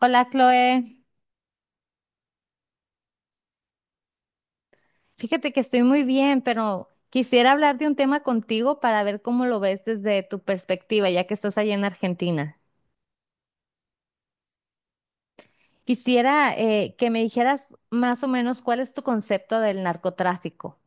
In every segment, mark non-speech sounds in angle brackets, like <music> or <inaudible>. Hola, Chloe. Fíjate que estoy muy bien, pero quisiera hablar de un tema contigo para ver cómo lo ves desde tu perspectiva, ya que estás allí en Argentina. Quisiera que me dijeras más o menos cuál es tu concepto del narcotráfico.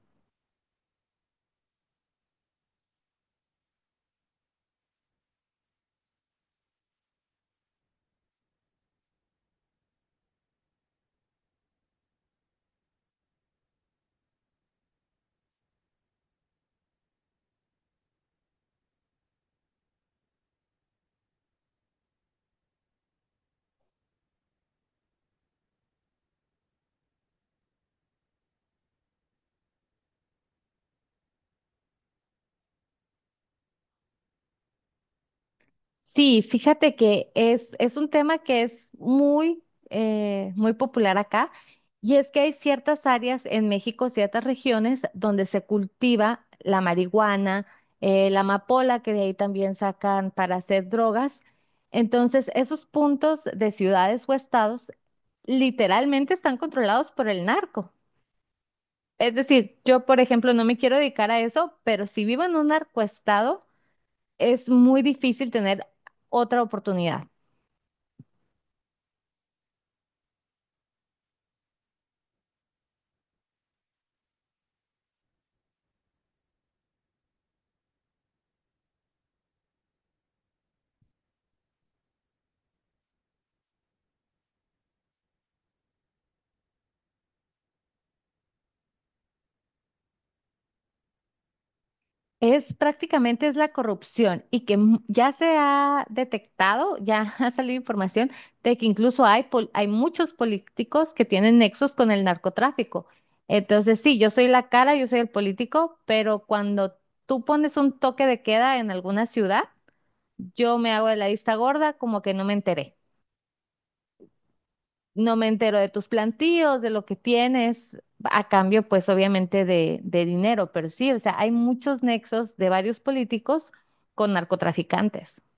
Sí, fíjate que es un tema que es muy, muy popular acá, y es que hay ciertas áreas en México, ciertas regiones donde se cultiva la marihuana, la amapola, que de ahí también sacan para hacer drogas. Entonces, esos puntos de ciudades o estados literalmente están controlados por el narco. Es decir, yo, por ejemplo, no me quiero dedicar a eso, pero si vivo en un narcoestado, es muy difícil tener otra oportunidad. Es prácticamente es la corrupción, y que ya se ha detectado, ya <laughs> ha salido información de que incluso hay muchos políticos que tienen nexos con el narcotráfico. Entonces, sí, yo soy la cara, yo soy el político, pero cuando tú pones un toque de queda en alguna ciudad, yo me hago de la vista gorda, como que no me enteré no me entero de tus plantíos, de lo que tienes, a cambio, pues obviamente de dinero. Pero sí, o sea, hay muchos nexos de varios políticos con narcotraficantes. <laughs>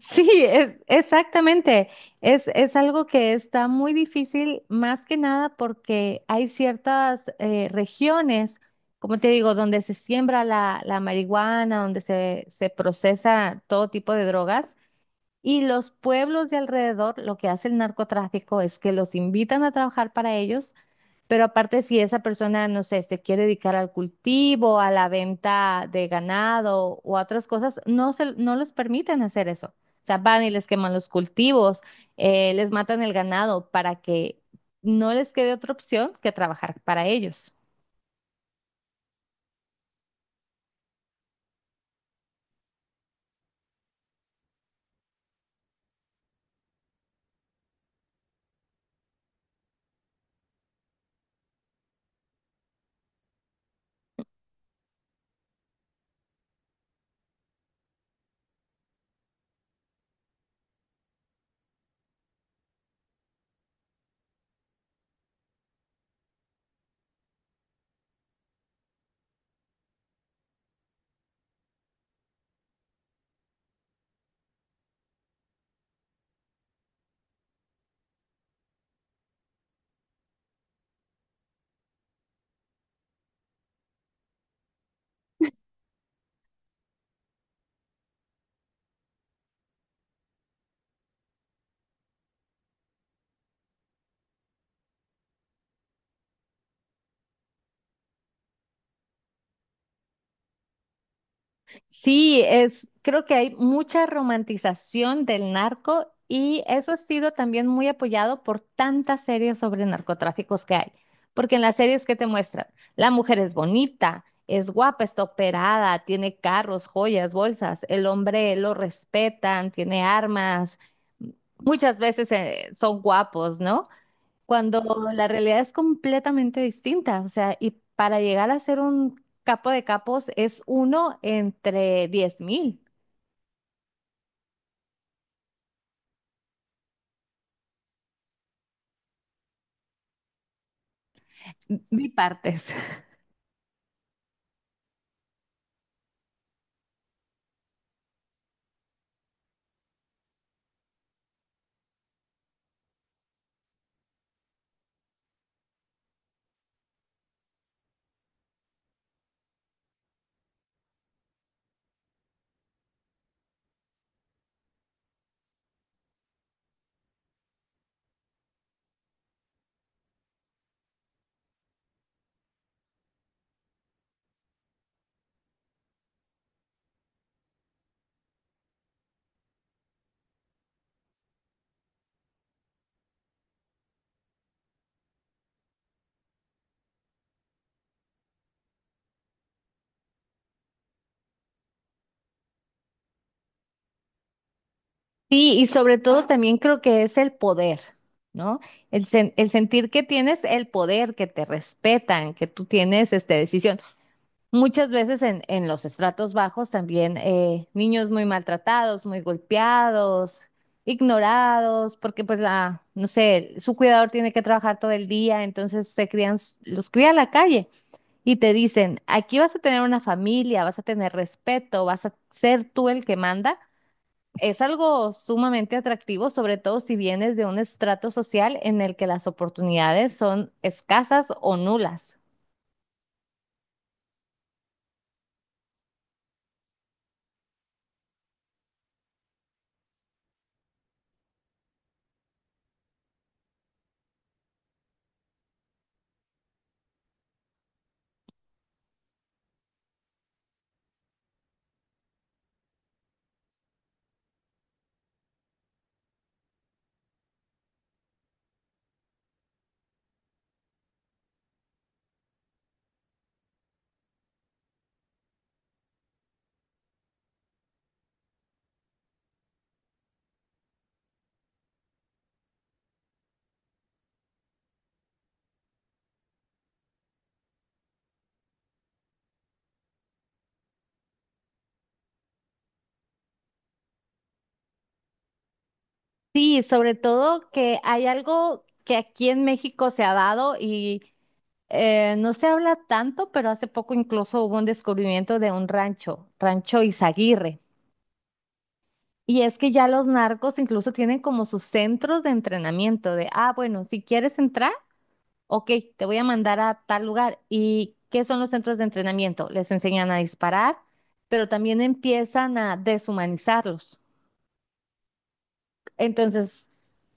Sí, es exactamente. Es algo que está muy difícil, más que nada porque hay ciertas regiones, como te digo, donde se siembra la marihuana, donde se procesa todo tipo de drogas. Y los pueblos de alrededor, lo que hace el narcotráfico es que los invitan a trabajar para ellos, pero aparte si esa persona, no sé, se quiere dedicar al cultivo, a la venta de ganado o a otras cosas, no se, no los permiten hacer eso. O sea, van y les queman los cultivos, les matan el ganado para que no les quede otra opción que trabajar para ellos. Sí, es, creo que hay mucha romantización del narco, y eso ha sido también muy apoyado por tantas series sobre narcotráficos que hay. Porque en las series que te muestran, la mujer es bonita, es guapa, está operada, tiene carros, joyas, bolsas, el hombre lo respetan, tiene armas, muchas veces son guapos, ¿no? Cuando la realidad es completamente distinta. O sea, y para llegar a ser un capo de capos es uno entre 10.000 bipartes. <laughs> Sí, y sobre todo también creo que es el poder, ¿no? El sentir que tienes el poder, que te respetan, que tú tienes esta decisión. Muchas veces en los estratos bajos también niños muy maltratados, muy golpeados, ignorados, porque pues la, no sé, su cuidador tiene que trabajar todo el día, entonces se crían, los cría a la calle, y te dicen, aquí vas a tener una familia, vas a tener respeto, vas a ser tú el que manda. Es algo sumamente atractivo, sobre todo si vienes de un estrato social en el que las oportunidades son escasas o nulas. Sí, sobre todo que hay algo que aquí en México se ha dado y no se habla tanto, pero hace poco incluso hubo un descubrimiento de un rancho, Rancho Izaguirre. Y es que ya los narcos incluso tienen como sus centros de entrenamiento de, ah, bueno, si quieres entrar, ok, te voy a mandar a tal lugar. ¿Y qué son los centros de entrenamiento? Les enseñan a disparar, pero también empiezan a deshumanizarlos. Entonces,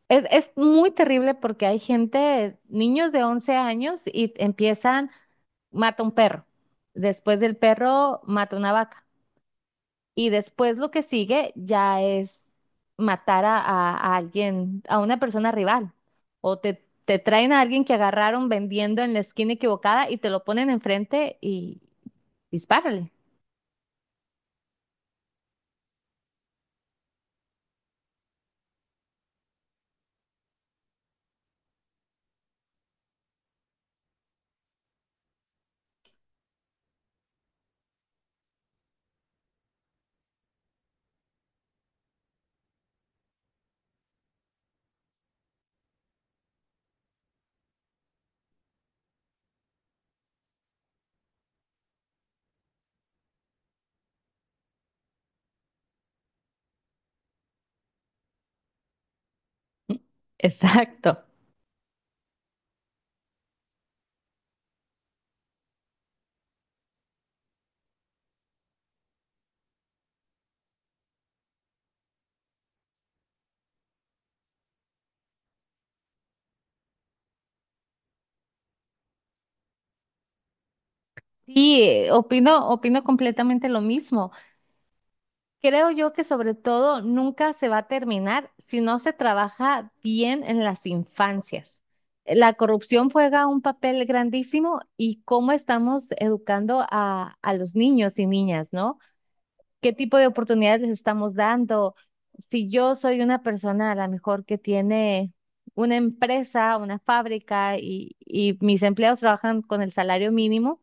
es muy terrible porque hay gente, niños de 11 años, y empiezan, mata un perro, después del perro mata una vaca, y después lo que sigue ya es matar a alguien, a una persona rival, o te traen a alguien que agarraron vendiendo en la esquina equivocada y te lo ponen enfrente y dispárale. <laughs> Exacto. Sí, opino, opino completamente lo mismo. Creo yo que sobre todo nunca se va a terminar si no se trabaja bien en las infancias. La corrupción juega un papel grandísimo, y cómo estamos educando a los niños y niñas, ¿no? ¿Qué tipo de oportunidades les estamos dando? Si yo soy una persona a lo mejor que tiene una empresa, una fábrica, y mis empleados trabajan con el salario mínimo,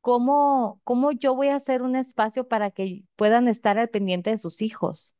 ¿cómo, cómo yo voy a hacer un espacio para que puedan estar al pendiente de sus hijos?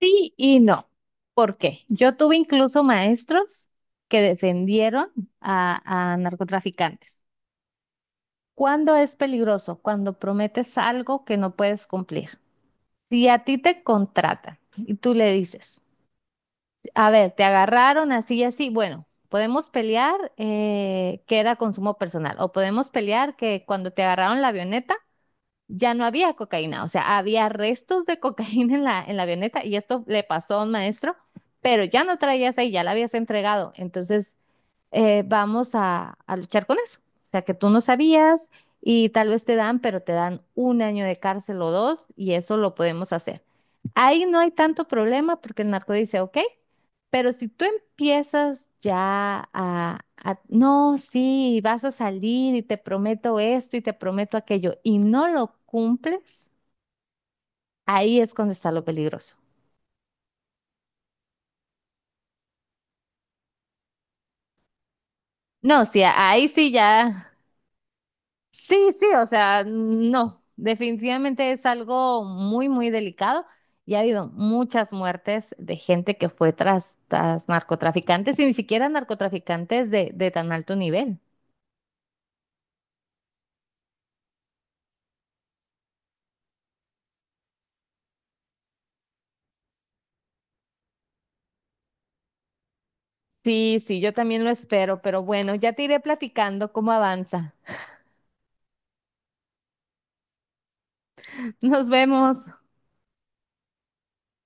Sí y no. ¿Por qué? Yo tuve incluso maestros que defendieron a narcotraficantes. ¿Cuándo es peligroso? Cuando prometes algo que no puedes cumplir. Si a ti te contratan y tú le dices, a ver, te agarraron así y así, bueno, podemos pelear que era consumo personal, o podemos pelear que cuando te agarraron la avioneta ya no había cocaína, o sea, había restos de cocaína en en la avioneta, y esto le pasó a un maestro, pero ya no traías ahí, ya la habías entregado. Entonces, vamos a luchar con eso. O sea, que tú no sabías, y tal vez te dan, pero te dan 1 año de cárcel o dos, y eso lo podemos hacer. Ahí no hay tanto problema porque el narco dice, ok, pero si tú empiezas ya no, sí, vas a salir y te prometo esto y te prometo aquello y no lo cumples, ahí es cuando está lo peligroso. No, sí, ahí sí ya. Sí, sí, o sea, no, definitivamente es algo muy, muy delicado, y ha habido muchas muertes de gente que fue tras, tras narcotraficantes, y ni siquiera narcotraficantes de tan alto nivel. Sí, sí, yo también lo espero, pero bueno, ya te iré platicando cómo avanza. <laughs> Nos vemos.